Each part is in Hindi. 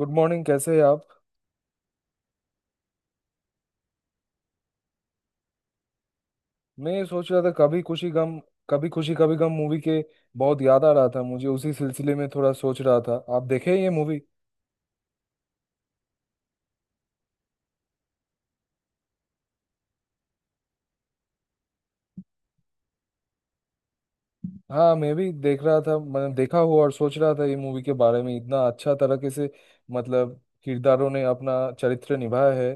गुड मॉर्निंग, कैसे हैं आप। मैं ये सोच रहा था कभी खुशी गम, कभी खुशी कभी गम मूवी के बहुत याद आ रहा था मुझे। उसी सिलसिले में थोड़ा सोच रहा था, आप देखे हैं ये मूवी। हाँ, मैं भी देख रहा था, मैंने देखा हुआ। और सोच रहा था ये मूवी के बारे में इतना अच्छा तरीके से, मतलब किरदारों ने अपना चरित्र निभाया है।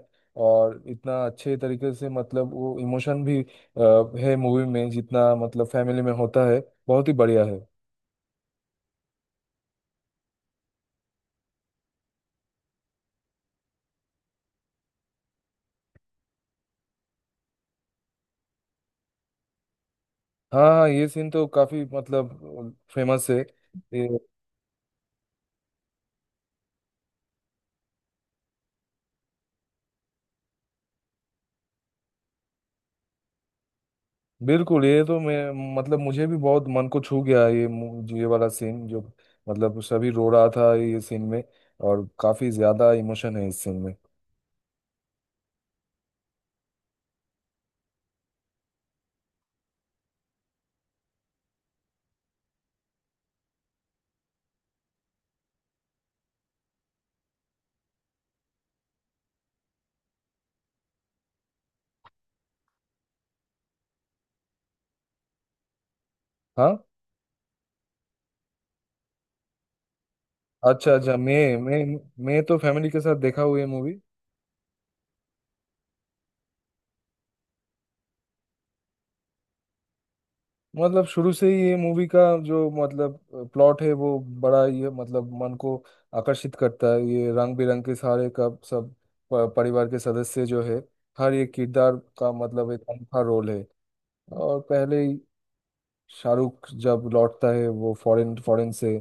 और इतना अच्छे तरीके से, मतलब वो इमोशन भी है मूवी में जितना मतलब फैमिली में होता है। बहुत ही बढ़िया है। हाँ हाँ, ये सीन तो काफी मतलब फेमस है। बिल्कुल, ये तो मैं मतलब मुझे भी बहुत मन को छू गया ये ये वाला सीन जो मतलब सभी रो रहा था ये सीन में। और काफी ज्यादा इमोशन है इस सीन में। हाँ। अच्छा अच्छा, मैं मैं तो फैमिली के साथ देखा हुआ ये मूवी। मतलब शुरू से ही ये मूवी का जो मतलब प्लॉट है वो बड़ा ये मतलब मन को आकर्षित करता है। ये रंग बिरंग के सारे का सब परिवार के सदस्य जो है, हर एक किरदार का मतलब एक अनोखा रोल है। और पहले शाहरुख जब लौटता है वो फॉरेन फॉरेन से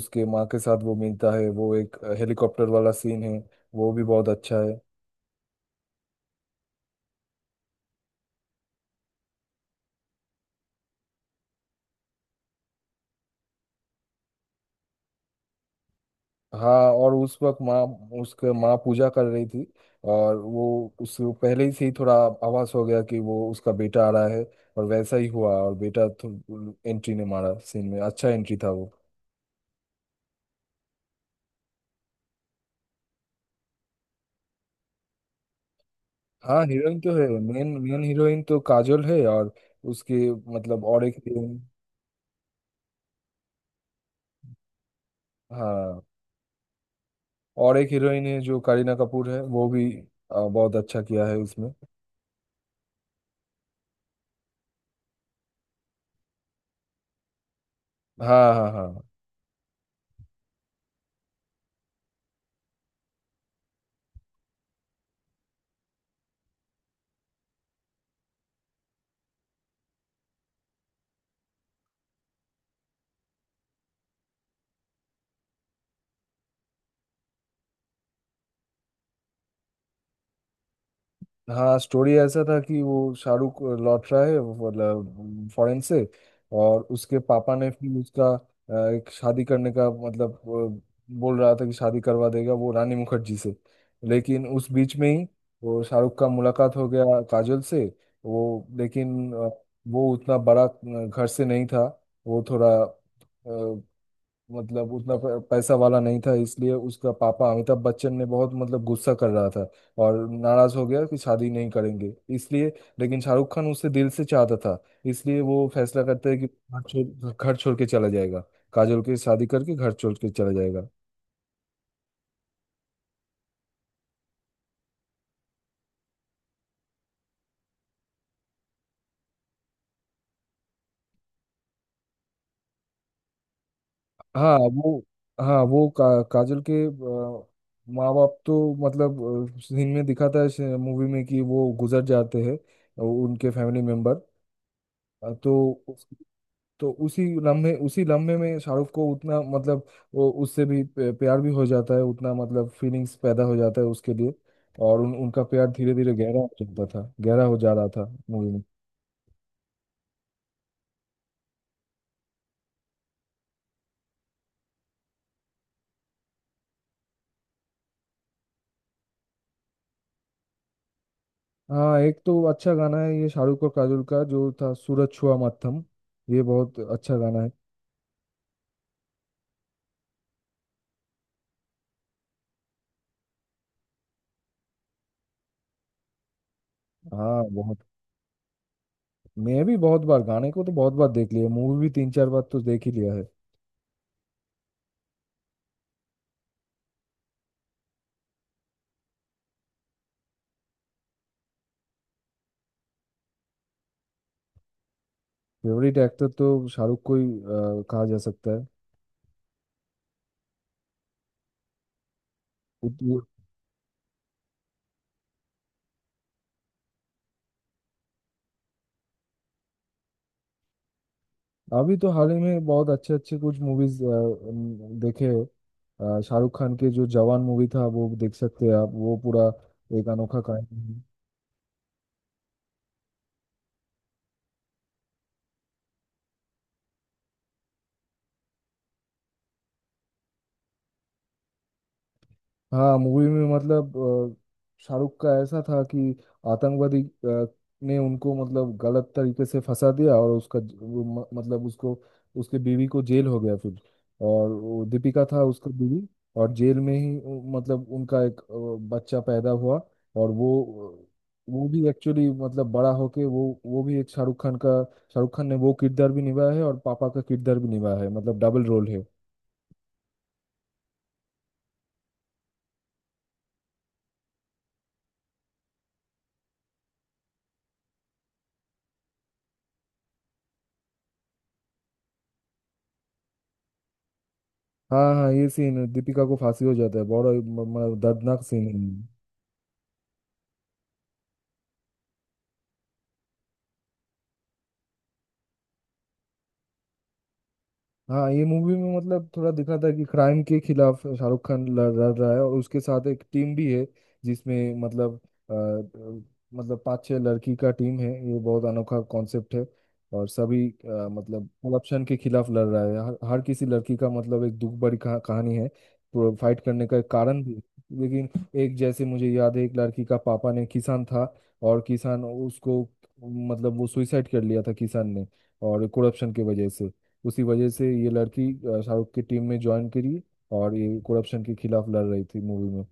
उसके माँ के साथ वो मिलता है, वो एक हेलीकॉप्टर वाला सीन है, वो भी बहुत अच्छा है। हाँ, और उस वक्त माँ, उसके माँ पूजा कर रही थी। और वो उस पहले ही से ही थोड़ा आभास हो गया कि वो उसका बेटा आ रहा है। और वैसा ही हुआ, और बेटा एंट्री ने मारा सीन में, अच्छा एंट्री था वो। हाँ, हीरोइन तो है मेन मेन हीरोइन तो काजोल है। और उसके मतलब और एक हीरोइन। हाँ, और एक हीरोइन है जो करीना कपूर है, वो भी बहुत अच्छा किया है उसमें। हाँ हाँ हाँ। हाँ, स्टोरी ऐसा था कि वो शाहरुख लौट रहा है मतलब फॉरेन से। और उसके पापा ने फिर उसका एक शादी करने का मतलब बोल रहा था कि शादी करवा देगा वो रानी मुखर्जी से। लेकिन उस बीच में ही वो शाहरुख का मुलाकात हो गया काजल से। वो लेकिन वो उतना बड़ा घर से नहीं था, वो थोड़ा मतलब उतना पैसा वाला नहीं था। इसलिए उसका पापा अमिताभ बच्चन ने बहुत मतलब गुस्सा कर रहा था और नाराज हो गया कि शादी नहीं करेंगे इसलिए। लेकिन शाहरुख खान उसे दिल से चाहता था, इसलिए वो फैसला करता है कि घर छोड़ के चला जाएगा, काजोल के शादी करके घर छोड़ के चला जाएगा। हाँ वो। हाँ वो काजोल के माँ बाप तो मतलब सीन में दिखाता है मूवी में कि वो गुजर जाते हैं उनके फैमिली मेंबर। तो तो उसी लम्हे में शाहरुख को उतना मतलब वो उससे भी प्यार भी हो जाता है, उतना मतलब फीलिंग्स पैदा हो जाता है उसके लिए। और उन उनका प्यार धीरे धीरे गहरा हो जाता था, गहरा हो जा रहा था मूवी में। हाँ, एक तो अच्छा गाना है ये शाहरुख और काजोल का जो था सूरज छुआ मत्थम, ये बहुत अच्छा गाना है। हाँ बहुत। मैं भी बहुत बार गाने को तो बहुत बार देख लिया, मूवी भी तीन चार बार तो देख ही लिया है। फेवरेट एक्टर तो शाहरुख को ही कहा जा सकता है। अभी तो हाल ही में बहुत अच्छे अच्छे कुछ मूवीज देखे। शाहरुख खान के जो जवान मूवी था वो देख सकते हैं आप, वो पूरा एक अनोखा कहानी है। हाँ मूवी में मतलब शाहरुख का ऐसा था कि आतंकवादी ने उनको मतलब गलत तरीके से फंसा दिया। और उसका वो मतलब उसको, उसके बीवी को जेल हो गया फिर, और वो दीपिका था उसका बीवी। और जेल में ही मतलब उनका एक बच्चा पैदा हुआ। और वो भी एक्चुअली मतलब बड़ा होके वो, वो भी एक शाहरुख खान ने वो किरदार भी निभाया है और पापा का किरदार भी निभाया है, मतलब डबल रोल है। हाँ हाँ, ये सीन दीपिका को फांसी हो जाता है, बड़ा दर्दनाक सीन है। हाँ, ये मूवी में मतलब थोड़ा दिखा था कि क्राइम के खिलाफ शाहरुख खान लड़ लड़ रहा है और उसके साथ एक टीम भी है। जिसमें मतलब मतलब पांच छह लड़की का टीम है, ये बहुत अनोखा कॉन्सेप्ट है। और सभी मतलब करप्शन के खिलाफ लड़ रहा है। हर किसी लड़की का मतलब एक दुख भरी कहानी है, तो फाइट करने का एक कारण भी है। लेकिन एक जैसे मुझे याद है, एक लड़की का पापा ने किसान था। और किसान उसको मतलब वो सुइसाइड कर लिया था किसान ने, और करप्शन की वजह से। उसी वजह से ये लड़की शाहरुख की टीम में ज्वाइन करी, और ये करप्शन के खिलाफ लड़ रही थी मूवी में।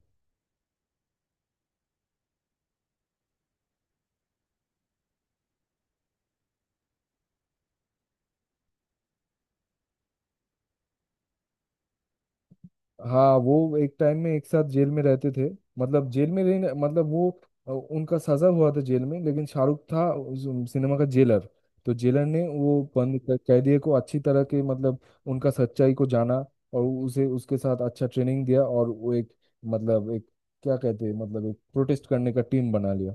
हाँ, वो एक टाइम में एक साथ जेल में रहते थे। मतलब जेल में रहने मतलब वो उनका सजा हुआ था जेल में। लेकिन शाहरुख था उस सिनेमा का जेलर। तो जेलर ने वो बंद कैदियों को अच्छी तरह के मतलब उनका सच्चाई को जाना। और उसे उसके साथ अच्छा ट्रेनिंग दिया और वो एक मतलब एक, क्या कहते हैं, मतलब एक प्रोटेस्ट करने का टीम बना लिया।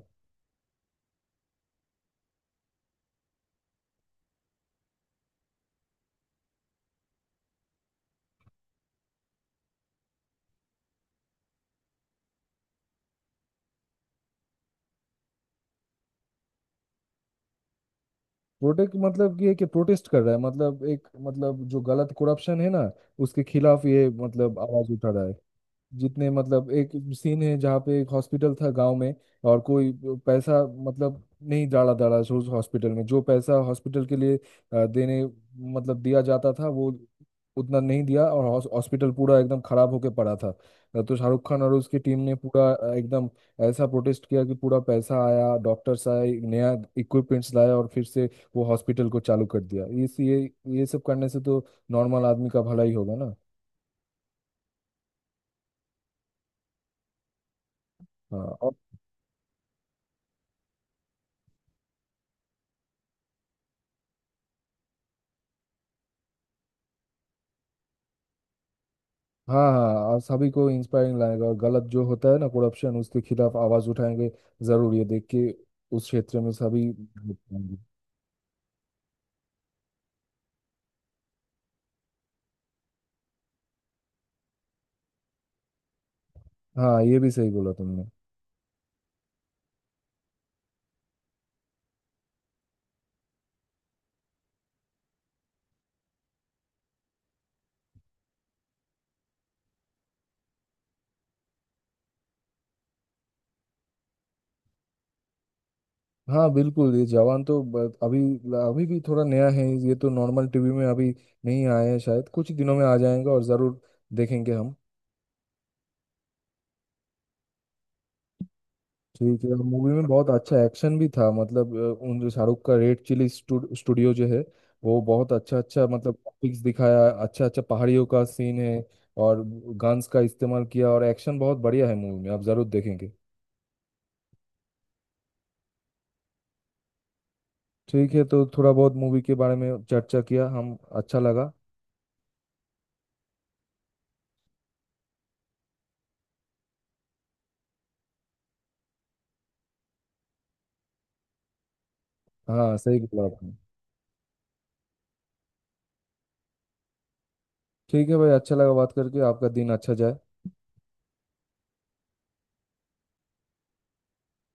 प्रोटेस्ट मतलब कि ये कि प्रोटेस्ट कर रहा है मतलब एक, मतलब जो गलत करप्शन है ना, उसके खिलाफ ये मतलब आवाज उठा रहा है। जितने मतलब एक सीन है जहाँ पे एक हॉस्पिटल था गांव में। और कोई पैसा मतलब नहीं डाला डाला उस हॉस्पिटल में। जो पैसा हॉस्पिटल के लिए देने मतलब दिया जाता था, वो उतना नहीं दिया। और हॉस्पिटल पूरा एकदम खराब होके पड़ा था। तो शाहरुख खान और उसकी टीम ने पूरा एकदम ऐसा प्रोटेस्ट किया कि पूरा पैसा आया, डॉक्टर्स आए, नया इक्विपमेंट्स लाया। और फिर से वो हॉस्पिटल को चालू कर दिया। इस ये सब करने से तो नॉर्मल आदमी का भला ही होगा ना। हाँ। हाँ हाँ, और सभी को इंस्पायरिंग लगेगा। और गलत जो होता है ना करप्शन, उसके खिलाफ आवाज उठाएंगे जरूर ये देख के। उस क्षेत्र में सभी vote करेंगे। हाँ, ये भी सही बोला तुमने। हाँ बिल्कुल, ये जवान तो अभी, अभी भी थोड़ा नया है। ये तो नॉर्मल टीवी में अभी नहीं आया है, शायद कुछ दिनों में आ जाएगा और जरूर देखेंगे हम। ठीक है, मूवी में बहुत अच्छा एक्शन भी था मतलब उन जो शाहरुख का रेड चिली स्टूडियो जो है, वो बहुत अच्छा अच्छा मतलब टॉपिक्स दिखाया, अच्छा अच्छा पहाड़ियों का सीन है। और गन्स का इस्तेमाल किया और एक्शन बहुत बढ़िया है मूवी में, आप जरूर देखेंगे। ठीक है, तो थोड़ा बहुत मूवी के बारे में चर्चा किया हम, अच्छा लगा। हाँ, सही बोला आपने। ठीक है भाई, अच्छा लगा बात करके। आपका दिन अच्छा जाए।